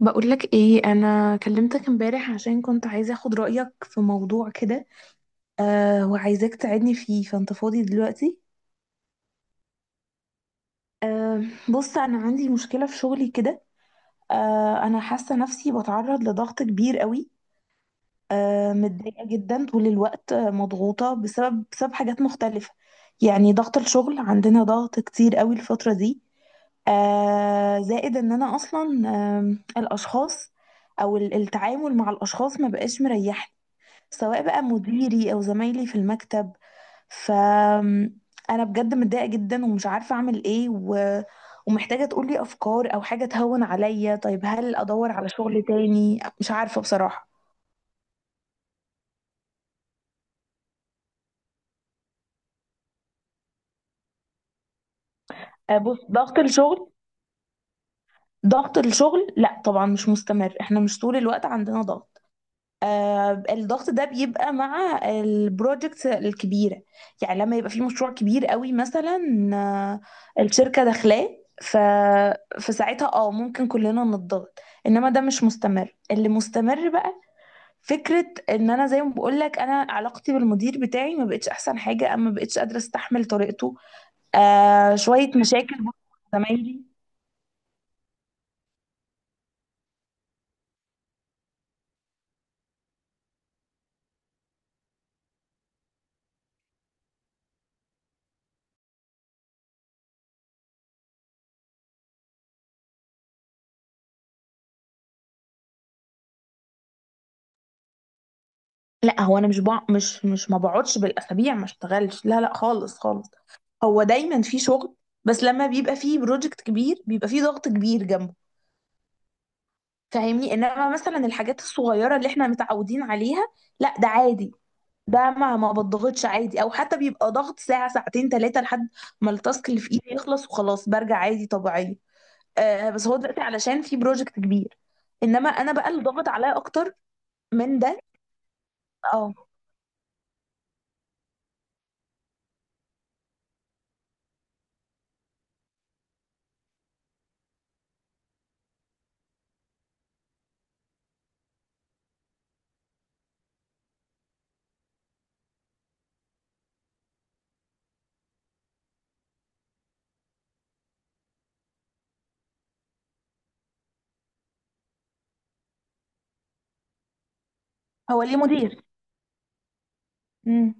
بقولك ايه، انا كلمتك امبارح عشان كنت عايزه اخد رايك في موضوع كده. وعايزاك تساعدني فيه، فانت فاضي دلوقتي؟ أه بص، انا عندي مشكله في شغلي كده. انا حاسه نفسي بتعرض لضغط كبير قوي. متضايقه جدا طول الوقت، مضغوطه بسبب حاجات مختلفه. يعني ضغط الشغل عندنا ضغط كتير قوي الفتره دي. زائد ان انا اصلا الاشخاص، او التعامل مع الاشخاص ما بقاش مريحني، سواء بقى مديري او زمايلي في المكتب. فانا بجد متضايقه جدا ومش عارفه اعمل ايه. ومحتاجه تقولي افكار او حاجه تهون عليا. طيب، هل ادور على شغل تاني؟ مش عارفه بصراحه. بص، ضغط الشغل لا طبعا مش مستمر، احنا مش طول الوقت عندنا ضغط. الضغط ده بيبقى مع البروجكت الكبيرة، يعني لما يبقى في مشروع كبير قوي مثلا، الشركة داخلاه. ف... فساعتها ممكن كلنا نتضغط، انما ده مش مستمر. اللي مستمر بقى فكرة ان انا، زي ما بقولك، انا علاقتي بالمدير بتاعي ما بقتش احسن حاجة، اما بقتش قادرة استحمل طريقته. شوية مشاكل برضه مع زمايلي. لا، هو انا مش بع... مش مش ما بقعدش بالاسابيع ما اشتغلش، لا لا، خالص خالص. هو دايما في شغل، بس لما بيبقى فيه بروجكت كبير بيبقى فيه ضغط كبير جنبه، فاهمني؟ انما مثلا الحاجات الصغيره اللي احنا متعودين عليها، لا، ده عادي، ده ما بضغطش عادي، او حتى بيبقى ضغط ساعه ساعتين ثلاثه لحد ما التاسك اللي في ايدي يخلص، وخلاص برجع عادي طبيعيه. بس هو دلوقتي علشان في بروجكت كبير، انما انا بقى اللي ضغط عليا اكتر من ده. اه هو ليه مدير. مم.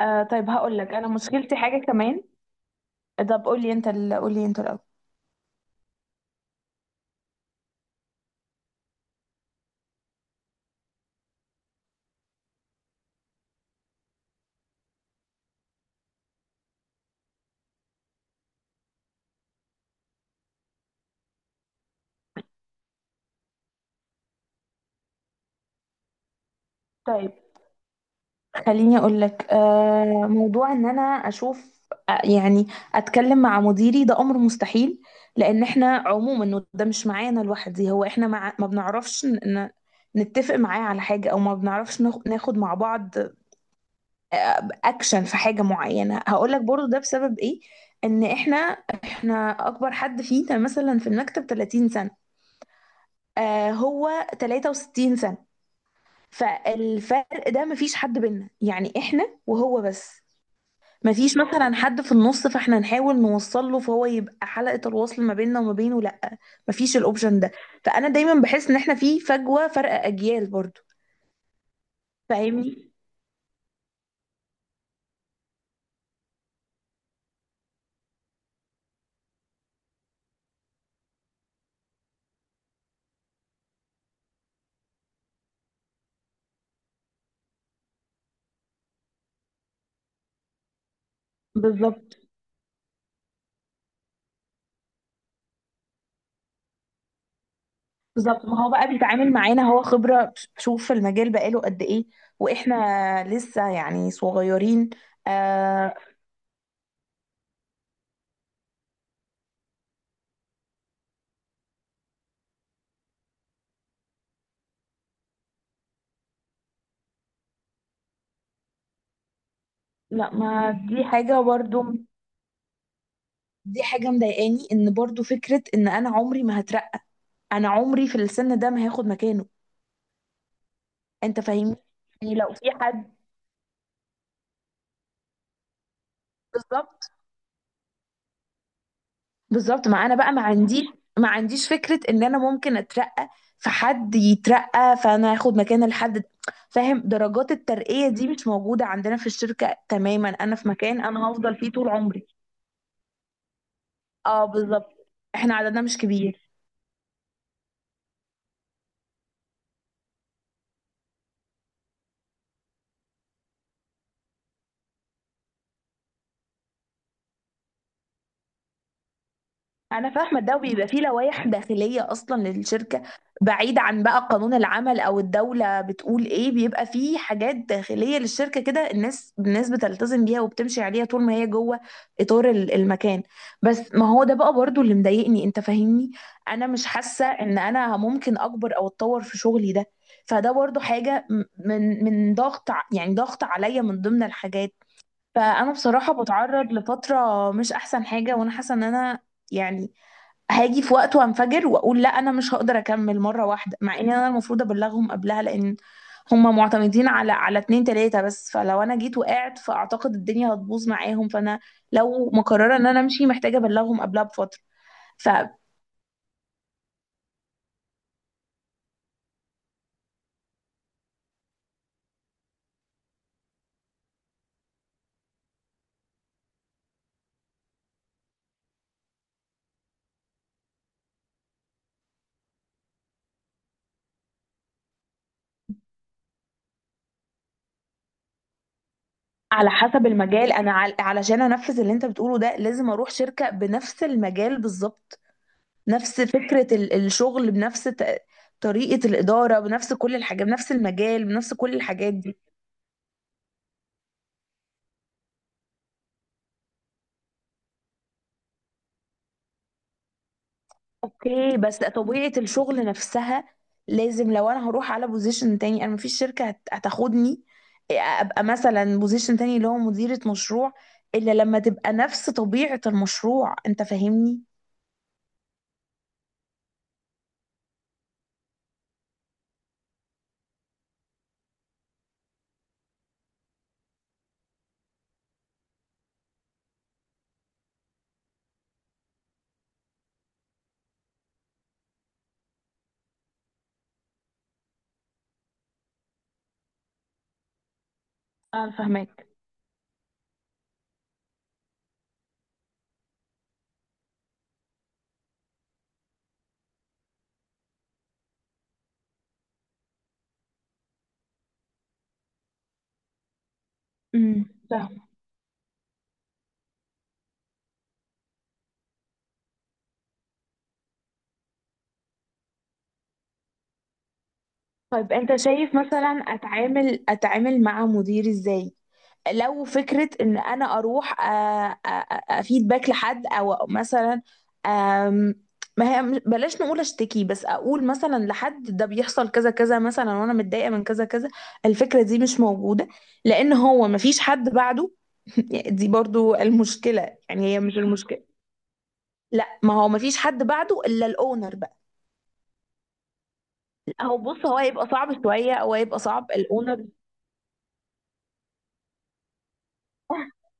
طيب، هقول لك انا مشكلتي حاجه كمان. طب قول لي انت، الاول. طيب خليني اقول لك، موضوع ان انا اشوف، يعني اتكلم مع مديري، ده امر مستحيل، لان احنا عموما إنه ده مش معانا لوحدي، هو احنا مع، ما بنعرفش نتفق معاه على حاجه، او ما بنعرفش ناخد مع بعض اكشن في حاجه معينه. هقول لك برضو ده بسبب ايه، ان احنا اكبر حد فينا مثلا في المكتب 30 سنه، هو 63 سنه، فالفرق ده مفيش حد بينا، يعني احنا وهو بس، مفيش مثلا حد في النص فاحنا نحاول نوصل له فهو يبقى حلقة الوصل ما بيننا وما بينه، لا، مفيش الاوبشن ده. فانا دايما بحس ان احنا في فجوة، فرق اجيال برضو، فاهمني؟ بالظبط بالظبط، ما هو بقى بيتعامل معانا هو خبرة، شوف في المجال بقاله قد ايه، واحنا لسه يعني صغيرين. آه لا، ما دي حاجة برضو، دي حاجة مضايقاني، ان برضو فكرة ان انا عمري ما هترقى، انا عمري في السن ده ما هاخد مكانه، انت فاهمني؟ يعني لو في حد، بالظبط. بالظبط، ما انا بقى ما عنديش فكرة ان انا ممكن اترقى، فحد يترقى فانا هاخد مكان الحد ده، فاهم؟ درجات الترقية دي مش موجودة عندنا في الشركة تماما، انا في مكان انا هفضل فيه طول عمري. اه بالظبط، احنا عددنا مش كبير. انا فاهمه ده، وبيبقى فيه لوائح داخليه اصلا للشركه، بعيد عن بقى قانون العمل او الدوله بتقول ايه، بيبقى فيه حاجات داخليه للشركه كده الناس بتلتزم بيها وبتمشي عليها طول ما هي جوه اطار المكان. بس ما هو ده بقى برضو اللي مضايقني، انت فاهمني؟ انا مش حاسه ان انا ممكن اكبر او اتطور في شغلي ده، فده برضو حاجه من ضغط، يعني ضغط عليا من ضمن الحاجات. فانا بصراحه بتعرض لفتره مش احسن حاجه، وانا حاسه ان انا يعني هاجي في وقت وانفجر واقول لا، انا مش هقدر اكمل مره واحده، مع ان انا المفروض ابلغهم قبلها، لان هما معتمدين على اتنين تلاته بس، فلو انا جيت وقعت فاعتقد الدنيا هتبوظ معاهم. فانا لو مقرره ان انا امشي محتاجه ابلغهم قبلها بفتره. فعلى حسب المجال، انا علشان انفذ اللي انت بتقوله ده لازم اروح شركه بنفس المجال بالظبط، نفس فكره الشغل، بنفس طريقه الاداره، بنفس كل الحاجات، بنفس المجال، بنفس كل الحاجات دي. اوكي، بس طبيعة الشغل نفسها لازم، لو انا هروح على بوزيشن تاني، انا مفيش شركة هتاخدني ابقى مثلا بوزيشن تاني اللي هو مديرة مشروع، الا لما تبقى نفس طبيعة المشروع، انت فاهمني؟ انا فاهمك. امم. فاهم. طيب انت شايف مثلا اتعامل مع مديري ازاي؟ لو فكرة إن أنا أروح، آه، آه، آه، أفيد باك لحد أو مثلا، آم، ما هي بلاش نقول أشتكي، بس أقول مثلا لحد ده بيحصل كذا كذا مثلا، وأنا متضايقة من كذا كذا. الفكرة دي مش موجودة، لأن هو مفيش حد بعده. دي برضو المشكلة، يعني هي مش المشكلة. لا، ما هو مفيش حد بعده إلا الأونر بقى. بص، هو هيبقى صعب شوية، أو هيبقى صعب، الأونر.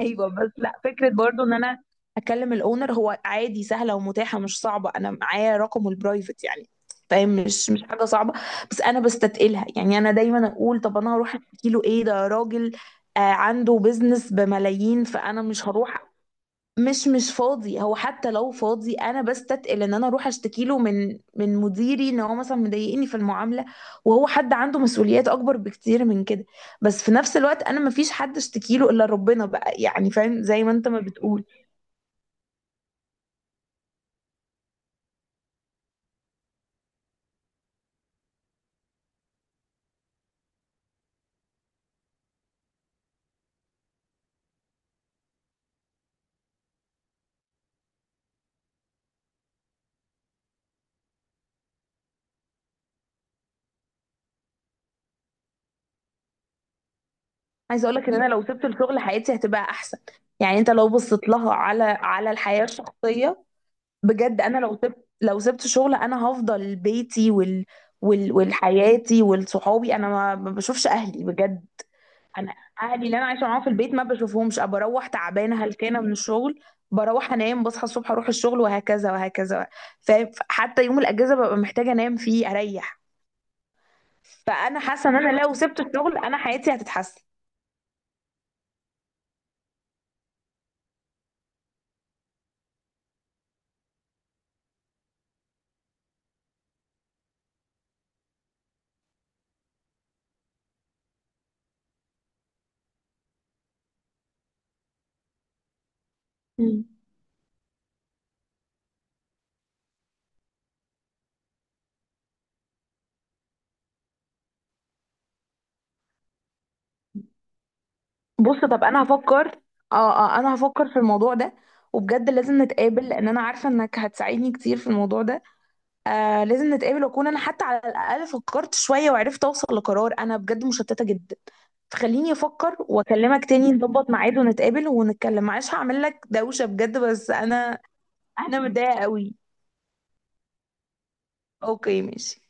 ايوه، بس لا، فكره برضو ان انا اكلم الاونر هو عادي، سهله ومتاحه مش صعبه، انا معايا رقمه البرايفت يعني، فاهم؟ مش حاجه صعبه، بس انا بستتقلها، يعني انا دايما اقول طب انا هروح احكي له ايه؟ ده راجل عنده بيزنس بملايين، فانا مش هروح. مش فاضي، هو حتى لو فاضي، انا بستتقل ان انا اروح اشتكي له من مديري ان هو مثلا مضايقني في المعامله، وهو حد عنده مسؤوليات اكبر بكتير من كده. بس في نفس الوقت انا ما فيش حد اشتكي له الا ربنا بقى، يعني فاهم زي ما انت ما بتقول. عايزه اقول لك ان انا لو سبت الشغل حياتي هتبقى احسن، يعني انت لو بصيت لها على الحياه الشخصيه، بجد، انا لو سبت شغل انا هفضل بيتي والحياتي والصحابي، انا ما بشوفش اهلي بجد. انا، اهلي اللي انا عايشه معاهم في البيت ما بشوفهمش، أبقى بروح تعبانه هلكانه من الشغل، بروح انام، بصحى الصبح اروح الشغل، وهكذا وهكذا. فحتى يوم الاجازه ببقى محتاجه انام فيه اريح. فانا حاسه ان انا لو سبت الشغل انا حياتي هتتحسن. مم. بص، طب انا هفكر. اه اه انا هفكر في الموضوع ده، وبجد لازم نتقابل، لان انا عارفه انك هتساعدني كتير في الموضوع ده. لازم نتقابل، واكون انا حتى على الاقل فكرت شويه، وعرفت اوصل لقرار، انا بجد مشتته جدا. فخليني افكر واكلمك تاني، نظبط ميعاد ونتقابل ونتكلم. معلش هعمل لك دوشه بجد، بس انا متضايقه قوي. اوكي ماشي.